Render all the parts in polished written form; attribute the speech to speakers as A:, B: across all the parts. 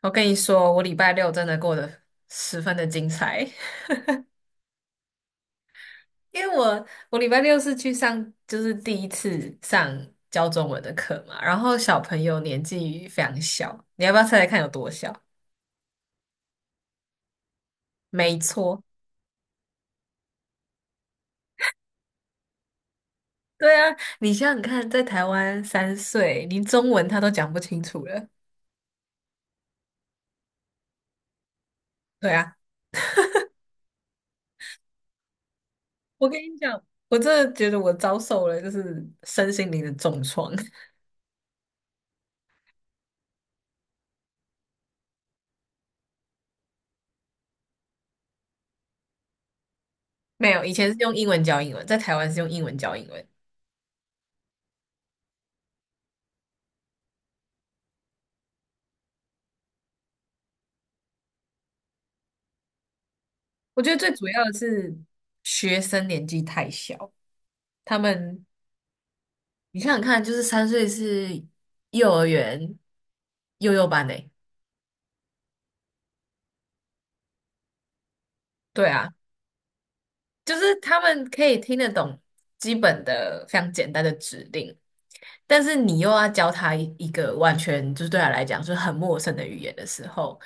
A: 我跟你说，我礼拜六真的过得十分的精彩。因为我礼拜六是去上，就是第一次上教中文的课嘛。然后小朋友年纪非常小，你要不要猜猜看有多小？没错。对啊，你想想看，在台湾三岁，连中文他都讲不清楚了。对啊，我跟你讲，我真的觉得我遭受了就是身心灵的重创。没有，以前是用英文教英文，在台湾是用英文教英文。我觉得最主要的是学生年纪太小，他们你想想看，就是三岁是幼儿园幼幼班诶。对啊，就是他们可以听得懂基本的非常简单的指令，但是你又要教他一个完全就是对他来讲就是很陌生的语言的时候，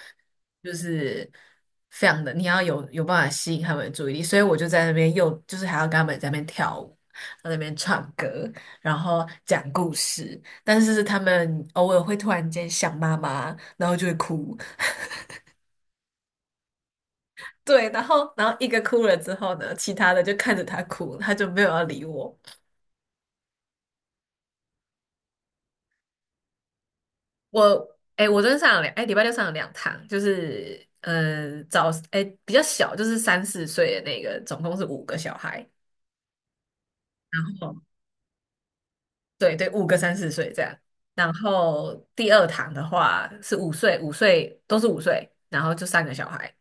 A: 就是非常的你要有办法吸引他们的注意力。所以我就在那边又就是还要跟他们在那边跳舞，在那边唱歌，然后讲故事，但是他们偶尔会突然间想妈妈，然后就会哭。对，然后一个哭了之后呢，其他的就看着他哭，他就没有要理我。我昨天上了两哎，礼拜六上了两堂，就是比较小，就是三四岁的那个，总共是五个小孩。然后对对，五个三四岁这样。然后第二堂的话是五岁，五岁都是五岁，然后就三个小孩。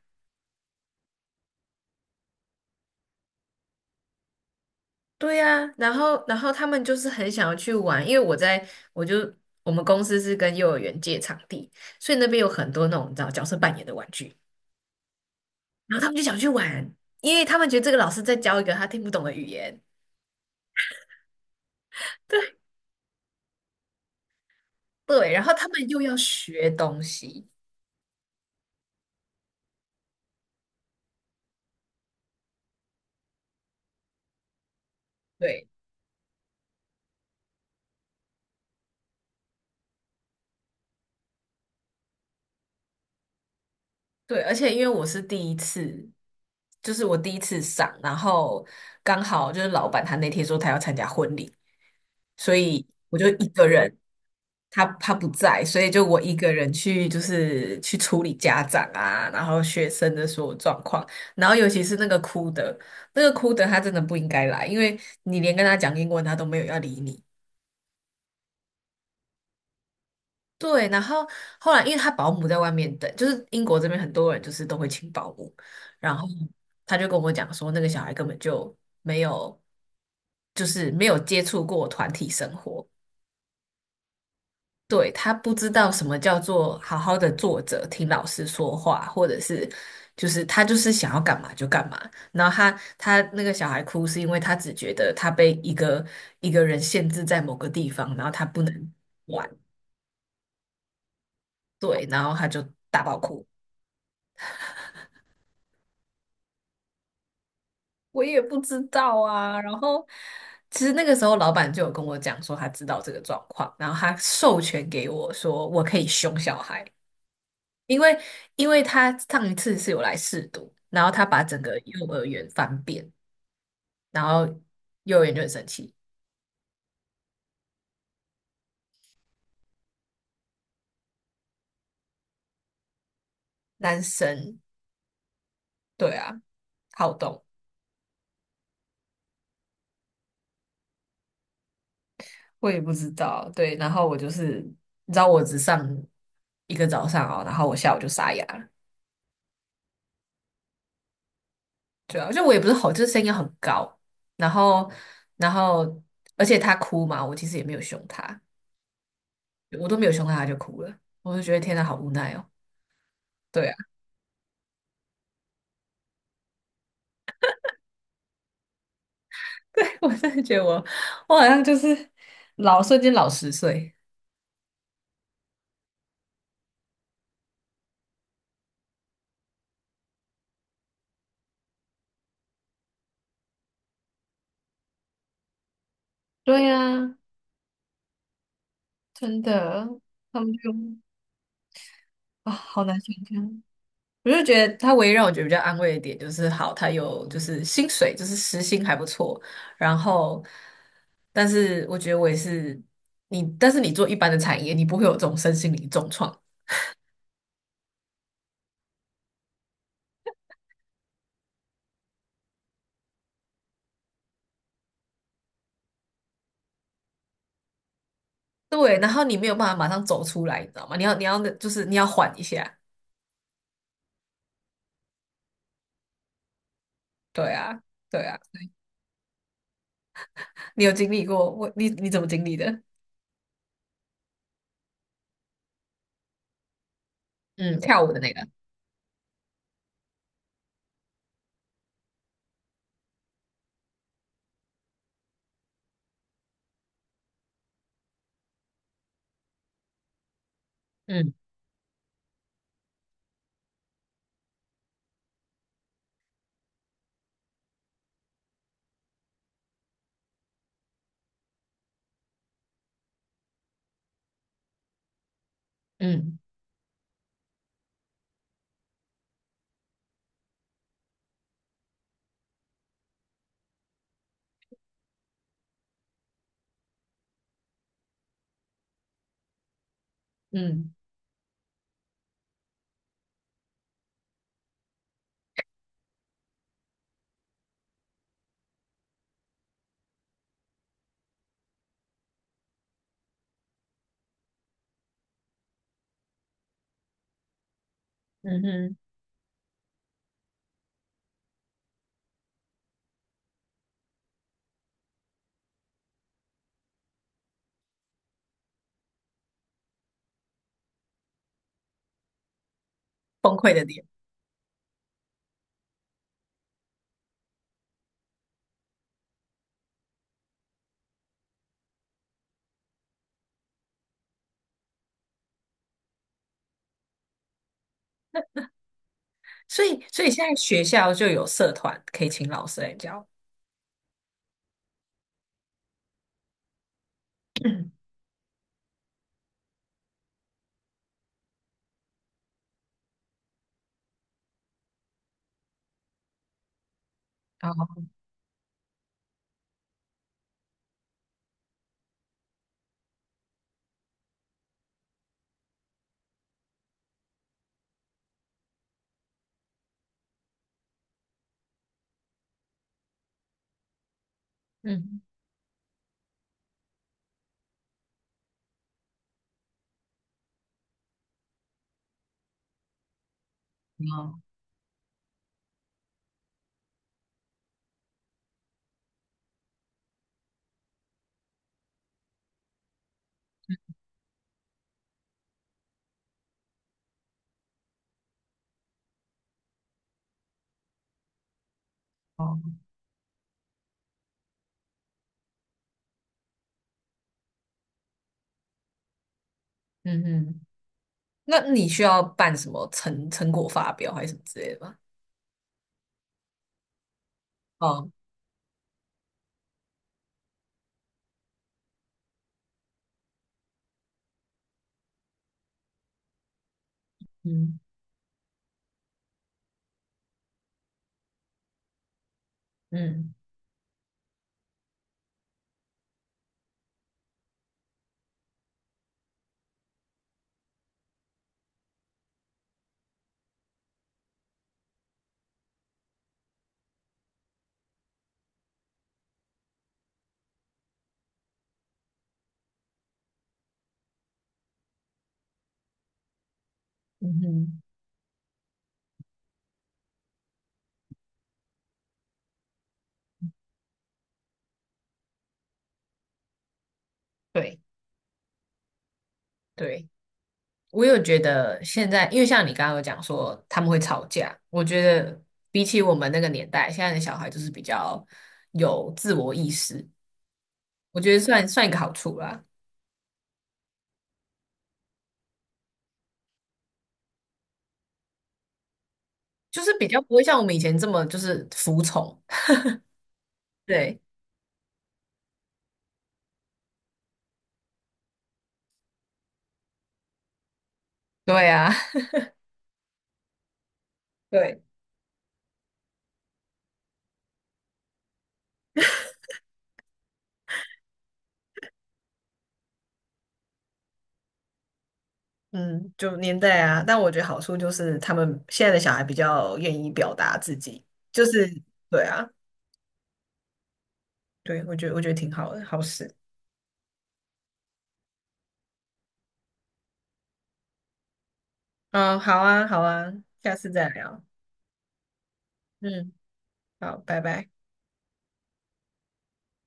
A: 对呀，然后他们就是很想要去玩。因为我在我就我们公司是跟幼儿园借场地，所以那边有很多那种你知道角色扮演的玩具，然后他们就想去玩，因为他们觉得这个老师在教一个他听不懂的语言。对。对，然后他们又要学东西。对对，而且因为我是第一次，就是我第一次上。然后刚好就是老板他那天说他要参加婚礼，所以我就一个人，他不在，所以就我一个人去就是去处理家长啊，然后学生的所有状况。然后尤其是那个哭的，那个哭的他真的不应该来，因为你连跟他讲英文他都没有要理你。对，然后后来因为他保姆在外面等，就是英国这边很多人就是都会请保姆，然后他就跟我讲说，那个小孩根本就没有，就是没有接触过团体生活。对，他不知道什么叫做好好的坐着听老师说话，或者是就是他就是想要干嘛就干嘛。然后他那个小孩哭是因为他只觉得他被一个人限制在某个地方，然后他不能玩。对，然后他就大爆哭。我也不知道啊。然后其实那个时候老板就有跟我讲说他知道这个状况，然后他授权给我说我可以凶小孩。因为他上一次是有来试读，然后他把整个幼儿园翻遍，然后幼儿园就很生气。男生对啊，好动。我也不知道，对。然后我就是你知道我只上一个早上哦，然后我下午就牙了。对啊，就我也不是吼，就是声音很高。然后，然后，而且他哭嘛，我其实也没有凶他，我都没有凶他，他就哭了，我就觉得天哪，好无奈哦。对啊，对，我真的觉得我，我好像就是老瞬间老十岁。对呀，真的，他们就啊，好难想象。我就觉得他唯一让我觉得比较安慰的点就是，好，他有就是薪水，就是时薪还不错。然后，但是我觉得我也是你，但是你做一般的产业，你不会有这种身心灵重创。对，然后你没有办法马上走出来，你知道吗？你要就是你要缓一下。对啊，对啊，你有经历过？你你怎么经历的？嗯，跳舞的那个。嗯嗯嗯，嗯哼，崩溃的点。所以现在学校就有社团可以请老师来教。然后。嗯，哦哦，嗯嗯，那你需要办什么成果发表还是什么之类的吗？哦，嗯嗯，嗯哼，对对，我有觉得现在，因为像你刚刚有讲说他们会吵架，我觉得比起我们那个年代，现在的小孩就是比较有自我意识。我觉得算一个好处啦，就是比较不会像我们以前这么就是服从。对，对啊，对。嗯，就年代啊，但我觉得好处就是他们现在的小孩比较愿意表达自己，就是对啊。对，我觉得我觉得挺好的，好事。嗯，好啊，好啊，下次再聊。嗯，好，拜拜。